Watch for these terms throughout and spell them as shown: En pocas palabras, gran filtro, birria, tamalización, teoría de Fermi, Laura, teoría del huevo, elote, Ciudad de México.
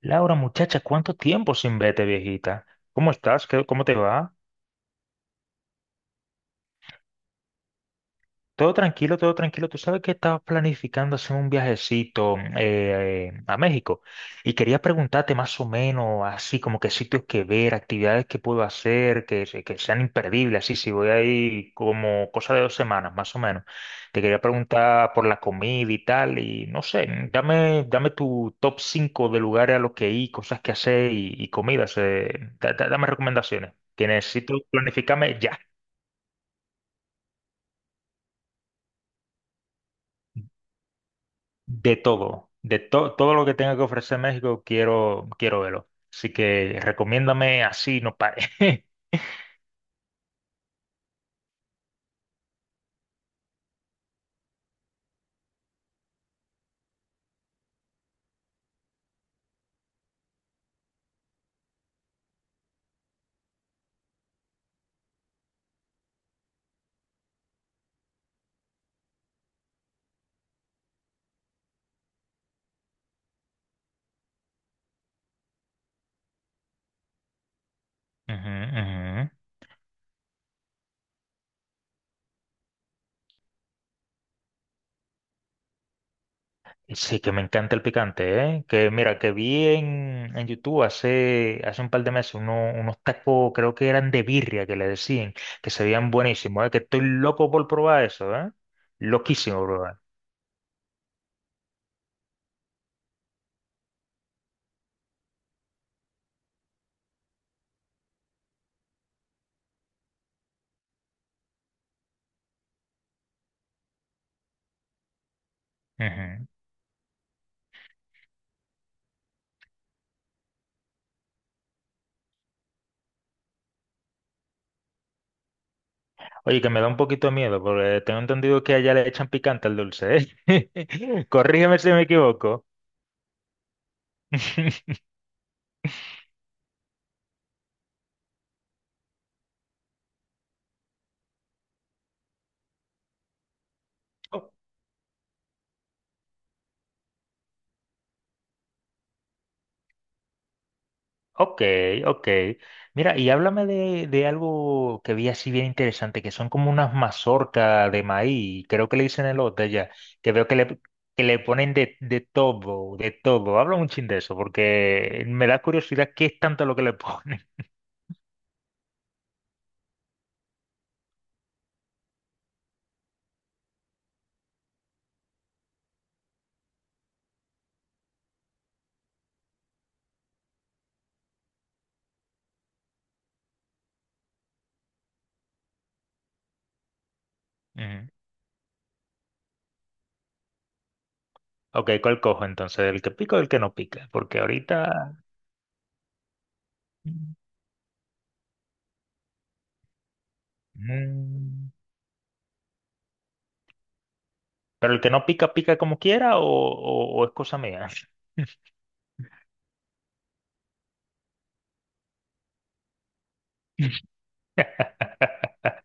Laura, muchacha, ¿cuánto tiempo sin verte, viejita? ¿Cómo estás? ¿Cómo te va? Todo tranquilo, todo tranquilo. Tú sabes que estaba planificando hacer un viajecito a México y quería preguntarte más o menos así como qué sitios que ver, actividades que puedo hacer, que sean imperdibles, así si voy ahí como cosa de 2 semanas más o menos. Te quería preguntar por la comida y tal y no sé, dame tu top 5 de lugares a los que ir, cosas que hacer y comidas. Dame recomendaciones. Que necesito planificarme ya. De todo lo que tenga que ofrecer México, quiero verlo. Así que recomiéndame así, no pare. Ujú, ujú. Y sí, que me encanta el picante, ¿eh? Que mira, que vi en YouTube hace un par de meses unos tacos, creo que eran de birria, que le decían, que se veían buenísimos, ¿eh? Que estoy loco por probar eso, ¿eh? Loquísimo probar. Ujú. Oye, que me da un poquito de miedo, porque tengo entendido que allá le echan picante al dulce, ¿eh? Corrígeme si me equivoco. O- Ok, ok. Mira, y háblame de algo que vi así bien interesante, que son como unas mazorcas de maíz, creo que le dicen elote ya, que veo que le ponen de todo, de todo. Habla un chin de eso, porque me da curiosidad qué es tanto lo que le ponen. Ujú. Ok, ¿cuál cojo entonces? ¿El que pica o el que no pica? Porque ahorita... mm, ¿pero el que no pica, pica como quiera o es cosa mía?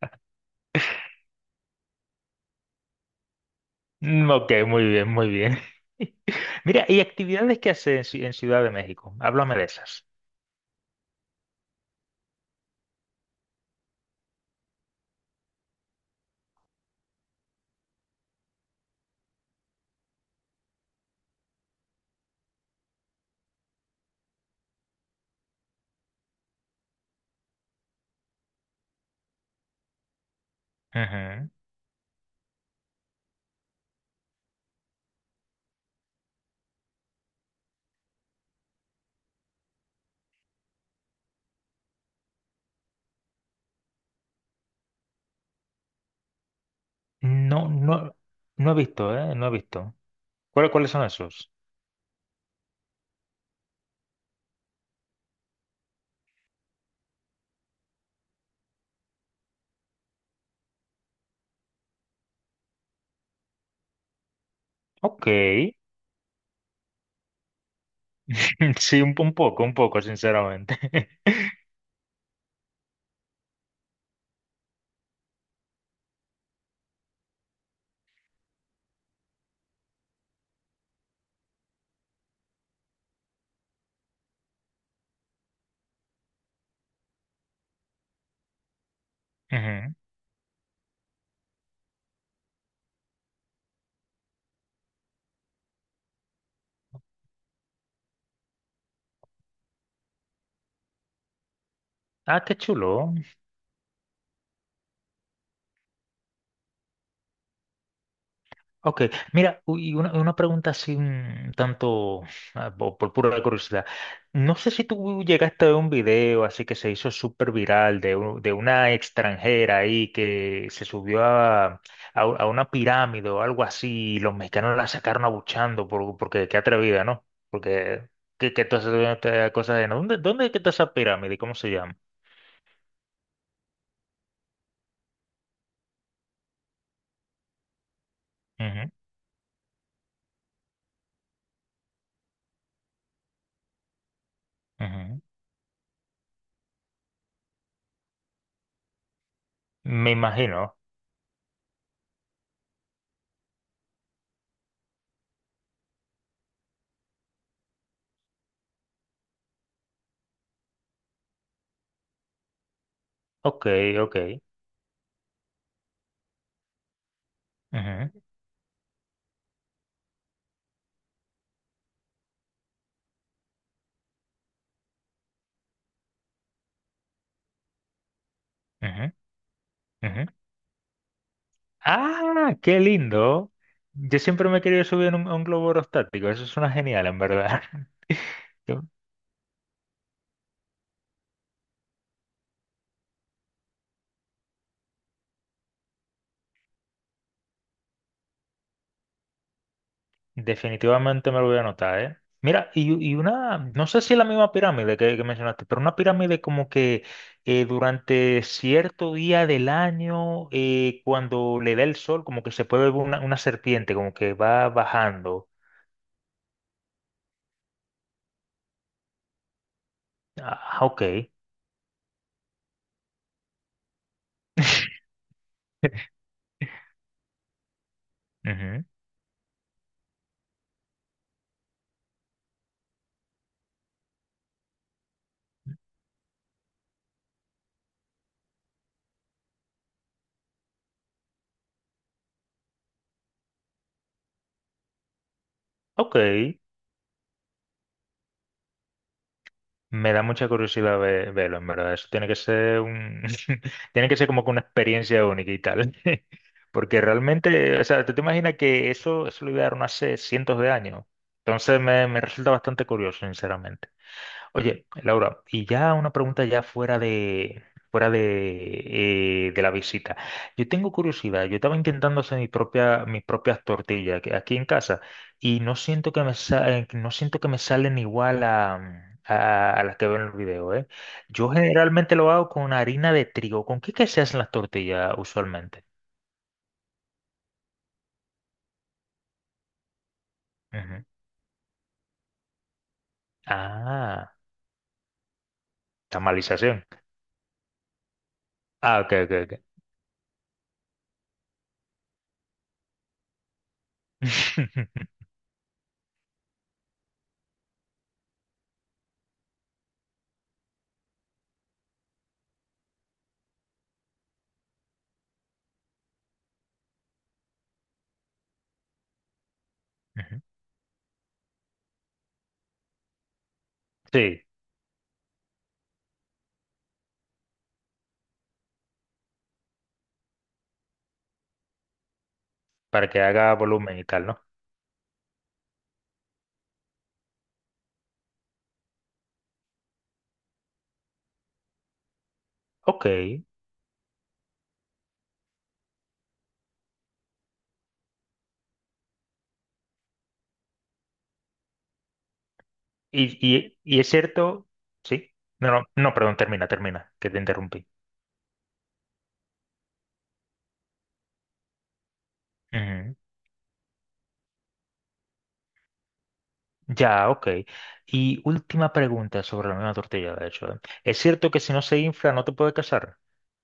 Mm, ok, muy bien, muy bien. Mira, ¿y actividades que hace en Ciudad de México? Háblame de esas. Ujú. No, no, no he visto, ¿eh? No he visto. ¿Cuáles son esos? Ok. Sí, un poco, un poco, sinceramente. Ujú. Ah, qué chulo. Ok, mira, y una pregunta así un tanto por pura curiosidad. No sé si tú llegaste a ver un video así que se hizo súper viral de una extranjera ahí que se subió a una pirámide o algo así y los mexicanos la sacaron abuchando porque qué atrevida, ¿no? Porque que tú haces cosas de ¿no? ¿dónde es que está esa pirámide? ¿Cómo se llama? Ujú, ujú. Me imagino. Ok, ok. Ujú, ujú, ujú. Ah, qué lindo. Yo siempre me he querido subir a un globo aerostático. Eso suena genial, en verdad. Yo definitivamente me lo voy a anotar, ¿eh? Mira, y una, no sé si es la misma pirámide que mencionaste, pero una pirámide como que durante cierto día del año, cuando le da el sol, como que se puede ver una serpiente, como que va bajando. Ah, ok. Ujú. Ok, me da mucha curiosidad verlo, en verdad. Eso tiene que ser tiene que ser como que una experiencia única y tal. Porque realmente, o sea, ¿tú te imaginas que eso lo idearon hace cientos de años? Entonces me resulta bastante curioso, sinceramente. Oye, Laura, y ya una pregunta ya fuera de, de la visita. Yo tengo curiosidad, yo estaba intentando hacer mis propias tortillas aquí en casa y no siento que me sa- no siento que me salen igual a las que veo en el video, ¿eh? Yo generalmente lo hago con harina de trigo. ¿Con qué que se hacen las tortillas usualmente? Ujú. Ah, tamalización. Ah, ok, ok, ok. Ujú. Sí, para que haga volumen y tal, ¿no? Ok. Y es cierto, sí, no, no, no, perdón, termina, termina, que te interrumpí. Ujú. Ya, ok. Y última pregunta sobre la misma tortilla, de hecho. ¿Eh? ¿Es cierto que si no se infla no te puedes casar?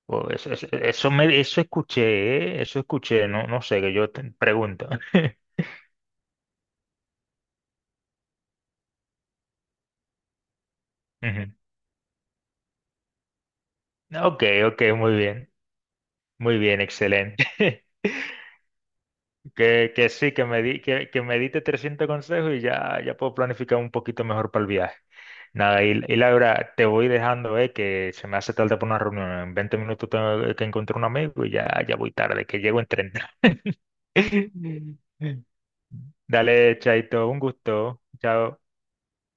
O eso escuché, ¿eh? Eso escuché, no, no sé, que yo te pregunto. Ujú. Ok, ok, muy bien, excelente. Que sí, que me diste 300 consejos y ya puedo planificar un poquito mejor para el viaje. Nada, y Laura, te voy dejando, que se me hace tarde por una reunión. En 20 minutos tengo que encontrar un amigo y ya voy tarde, que llego en 30 Dale, Chaito, un gusto. Chao.